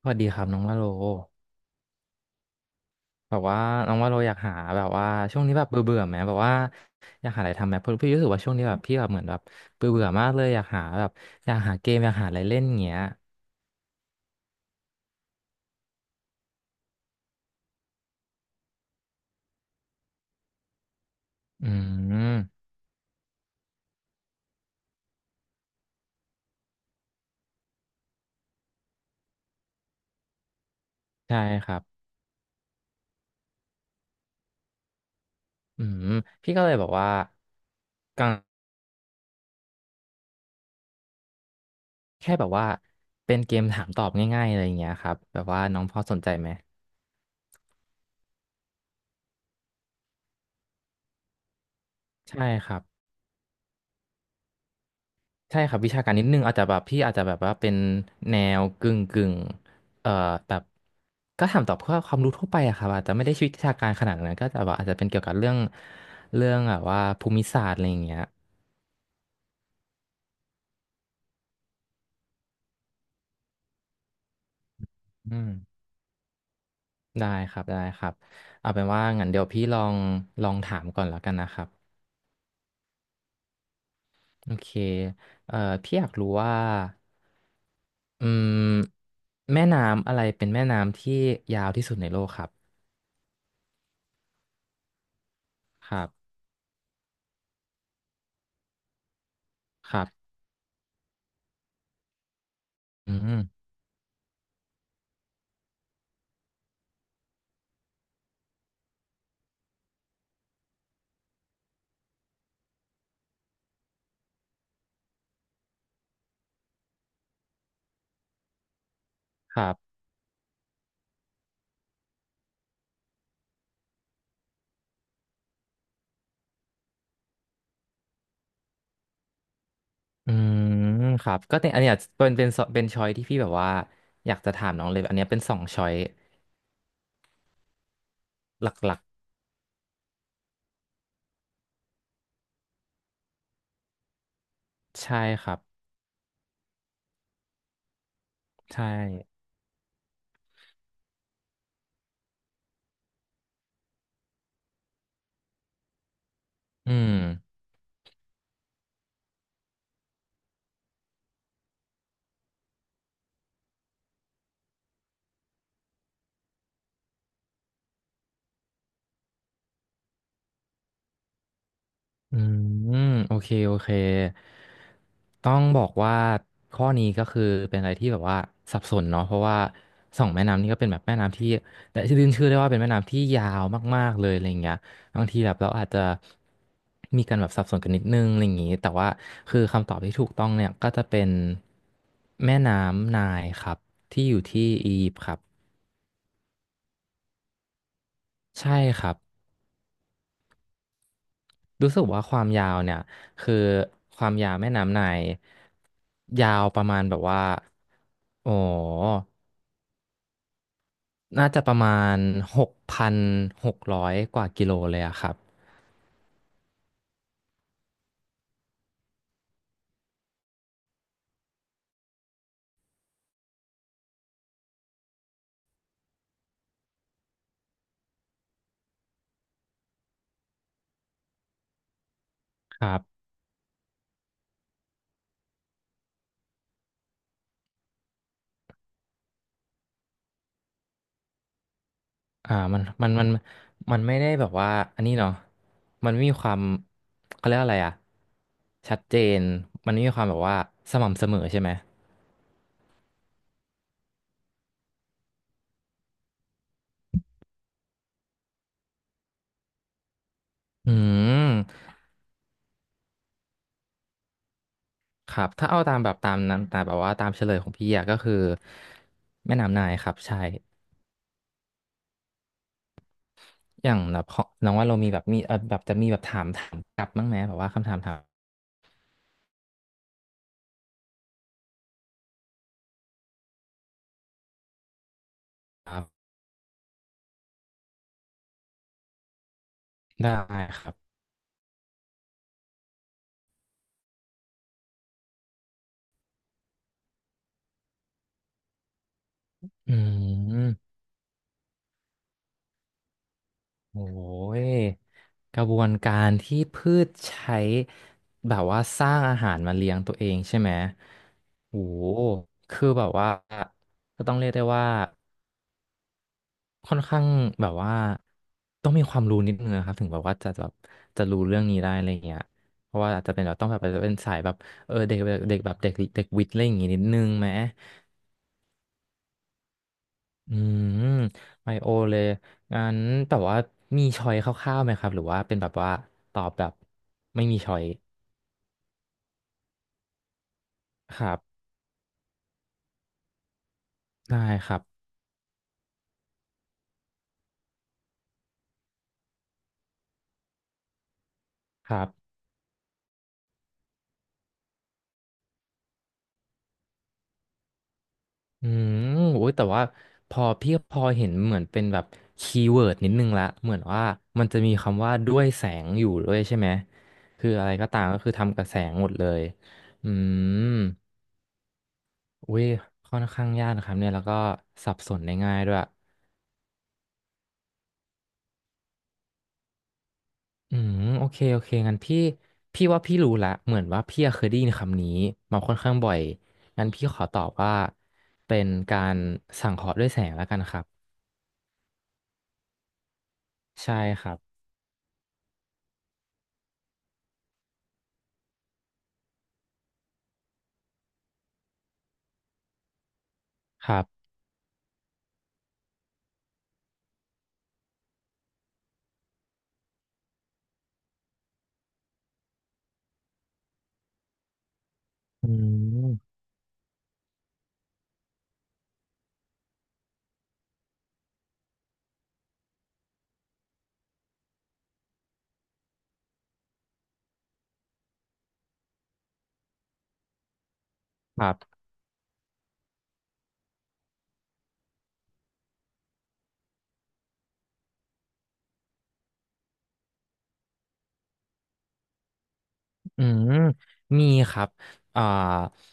สวัสดีครับน้องว่าโลแบบว่าน้องว่าโลอยากหาแบบว่าช่วงนี้แบบเบื่อเบื่อไหมแบบว่าอยากหาอะไรทำไหมเพราะพี่รู้สึกว่าช่วงนี้แบบพี่แบบเหมือนแบบเบื่อเบื่อมากเลยอยากหาแบบอยากหาเกมอยากหาอะไรเล่นอย่างเงี้ยอืมใช่ครับอืมพี่ก็เลยแบบว่ากังแค่แบบว่าเป็นเกมถามตอบง่ายๆอะไรอย่างเงี้ยครับแบบว่าน้องพอสนใจไหมใช่ครับ ใช่ครับวิชาการนิดนึงอาจจะแบบพี่อาจจะแบบว่าเป็นแนวกึ่งกึ่งเอ่อแบบก็ถามตอบเพื่อความรู้ทั่วไปอะครับอาจจะไม่ได้วิชาการขนาดนั้นก็จะแบบอาจจะเป็นเกี่ยวกับเรื่องเรื่องแบบว่าภูมิศาสตร์อะไรอย่างเงี้ยอืมได้ครับได้ครับเอาเป็นว่างั้นเดี๋ยวพี่ลองลองถามก่อนแล้วกันนะครับโอเคเอ่อพี่อยากรู้ว่าอืมแม่น้ำอะไรเป็นแม่น้ำที่ยาวที่สุดในโลกครับครับครับอืมครับ อืมครับก็เนี่ยอันเนี้ยเป็นช้อยที่พี่แบบว่าอยากจะถามน้องเลยอันเนี้ยเป็นสองช้อยหลักๆใช่ครับใช่อืม อืมโอเคโอเคต้องบอกว่าข้อนี้ก็คือเป็นอะไรที่แบบว่าสับสนเนาะเพราะว่าสองแม่น้ำนี่ก็เป็นแบบแม่น้ำที่แต่ชื่อชื่อได้ว่าเป็นแม่น้ำที่ยาวมากๆเลยอะไรอย่างเงี้ยบางทีแบบเราอาจจะมีการแบบสับสนกันนิดนึงอะไรอย่างงี้แต่ว่าคือคำตอบที่ถูกต้องเนี่ยก็จะเป็นแม่น้ำไนล์ครับที่อยู่ที่อียิปต์ครับใช่ครับ รู้สึกว่าความยาวเนี่ยคือความยาวแม่น้ำไนายยาวประมาณแบบว่าโอ้น่าจะประมาณ6,600กว่ากิโลเลยอะครับครับอ่ามันไม่ได้แบบว่าอันนี้เนาะมันไม่มีความเขาเรียกอะไรอะชัดเจนมันไม่มีความแบบว่าสม่ำเสมอใช่ไหมอืมครับถ้าเอาตามแบบตามนั้นตามแบบว่าตามเฉลยของพี่อะก็คือแม่น้ำนายครับใช่ อย่างแบบเพราะน้องว่าเรามีแบบมีแบบจะมีแบบถามถามกลับบ้างไหมแบบว่าคำถามถามกลับได้ครับอืมโอ้ยกระบวนการที่พืชใช้แบบว่าสร้างอาหารมาเลี้ยงตัวเองใช่ไหมโอ้โหคือแบบว่าก็ต้องเรียกได้ว่าค่อนข้างแบบว่าต้องมีความรู้นิดนึงนะครับถึงแบบว่าจะแบบจะรู้เรื่องนี้ได้อะไรเงี้ยเพราะว่าอาจจะเป็นแบบต้องแบบเป็นสายแบบเออเด็กเด็กแบบเด็กเด็กวิทย์อะไรอย่างงี้นิดนึงไหม อืมไมโอเลยงั้นแต่ว่ามีชอยคร่าวๆไหมครับหรือว่าเป็นแบบว่าตอบแบบไม่มีชอยครับได้ครับครับอืมโอ้ยแต่ว่าพอพี่พอเห็นเหมือนเป็นแบบคีย์เวิร์ดนิดนึงละเหมือนว่ามันจะมีคำว่าด้วยแสงอยู่ด้วยใช่ไหมคืออะไรก็ตามก็คือทำกับแสงหมดเลยอืมอุ้ยค่อนข้างยากนะครับเนี่ยแล้วก็สับสนได้ง่ายด้วย อืมโอเคโอเคงั้นพี่พี่ว่าพี่รู้ละเหมือนว่าพี่อะเคยได้ยินคำนี้มาค่อนข้างบ่อยงั้นพี่ขอตอบว่าเป็นการสังเคราะห์ด้วยแสงแล้วกันครับใช่ครับครับอืมครับอืมมีครับอ่า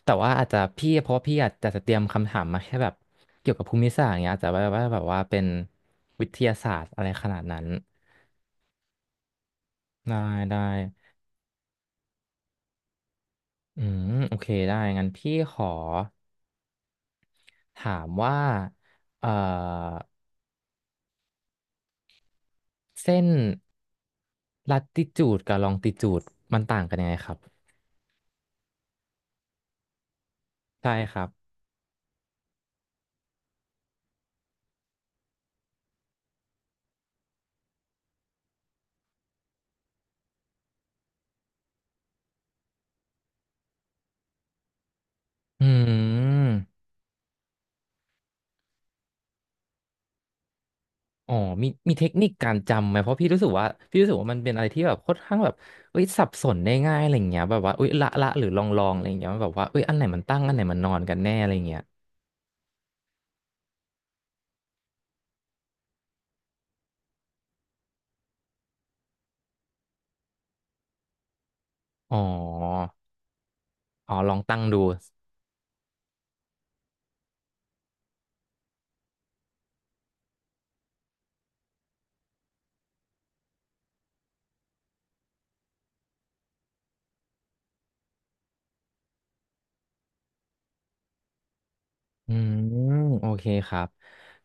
แต่ว่าอาจจะพี่เพราะว่าพี่อาจจะเตรียมคำถามมาแค่แบบเกี่ยวกับภูมิศาสตร์อย่างเงี้ยอาจจะว่าว่าแบบว่าเป็นวิทยาศาสตร์อะไรขนาดนั้นได้ได้อืมโอเคได้งั้นพี่ขอ ถามว่าเอ่อเส้นลัติจูดกับลองติจูดมันต่างกันยังไงครับใช่ครับอืมอ๋อมีมีเทคนิคการจำไหมเพราะพี่รู้สึกว่าพี่รู้สึกว่ามันเป็นอะไรที่แบบค่อนข้างแบบเอ้ยสับสนได้ง่ายอะไรเงี้ยแบบว่าเอ้ยละละหรือลองลองอะไรเงี้ยมันแบบว่าเอ้ยอันไหนมันตั้งอันไหนมันนอนกันแน่อะไรเงี้ยอ๋ออ๋อลองตั้งดู อืมโอเคครับ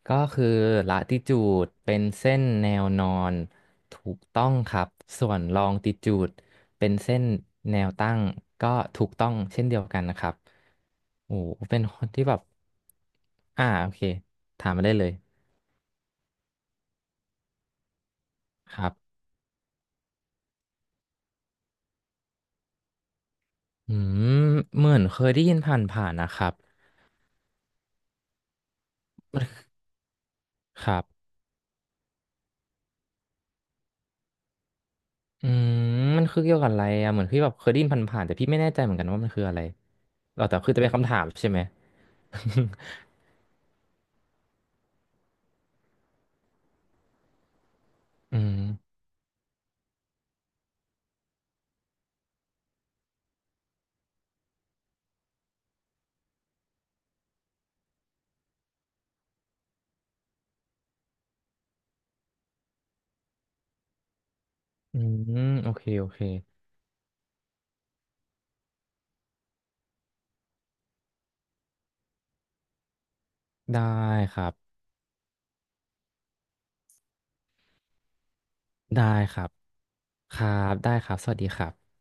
ก็คือละติจูดเป็นเส้นแนวนอนถูกต้องครับส่วนลองติจูดเป็นเส้นแนวตั้งก็ถูกต้องเช่นเดียวกันนะครับโอ้เป็นคนที่แบบอ่าโอเคถามมาได้เลยครับอืมเหมือนเคยได้ยินผ่านๆนะครับครับอืมมันคือเกี่ยวกับอะไรอะเหมือนพี่แบบเคยได้ยินผ่านๆแต่พี่ไม่แน่ใจเหมือนกันว่ามันคืออะไรเราแต่คือจะเป็นคำถามใช่ไหม อืมอืม โอเค โอเค ได้ครับ ได้ครับครับได้ครับ สวัสดีครับ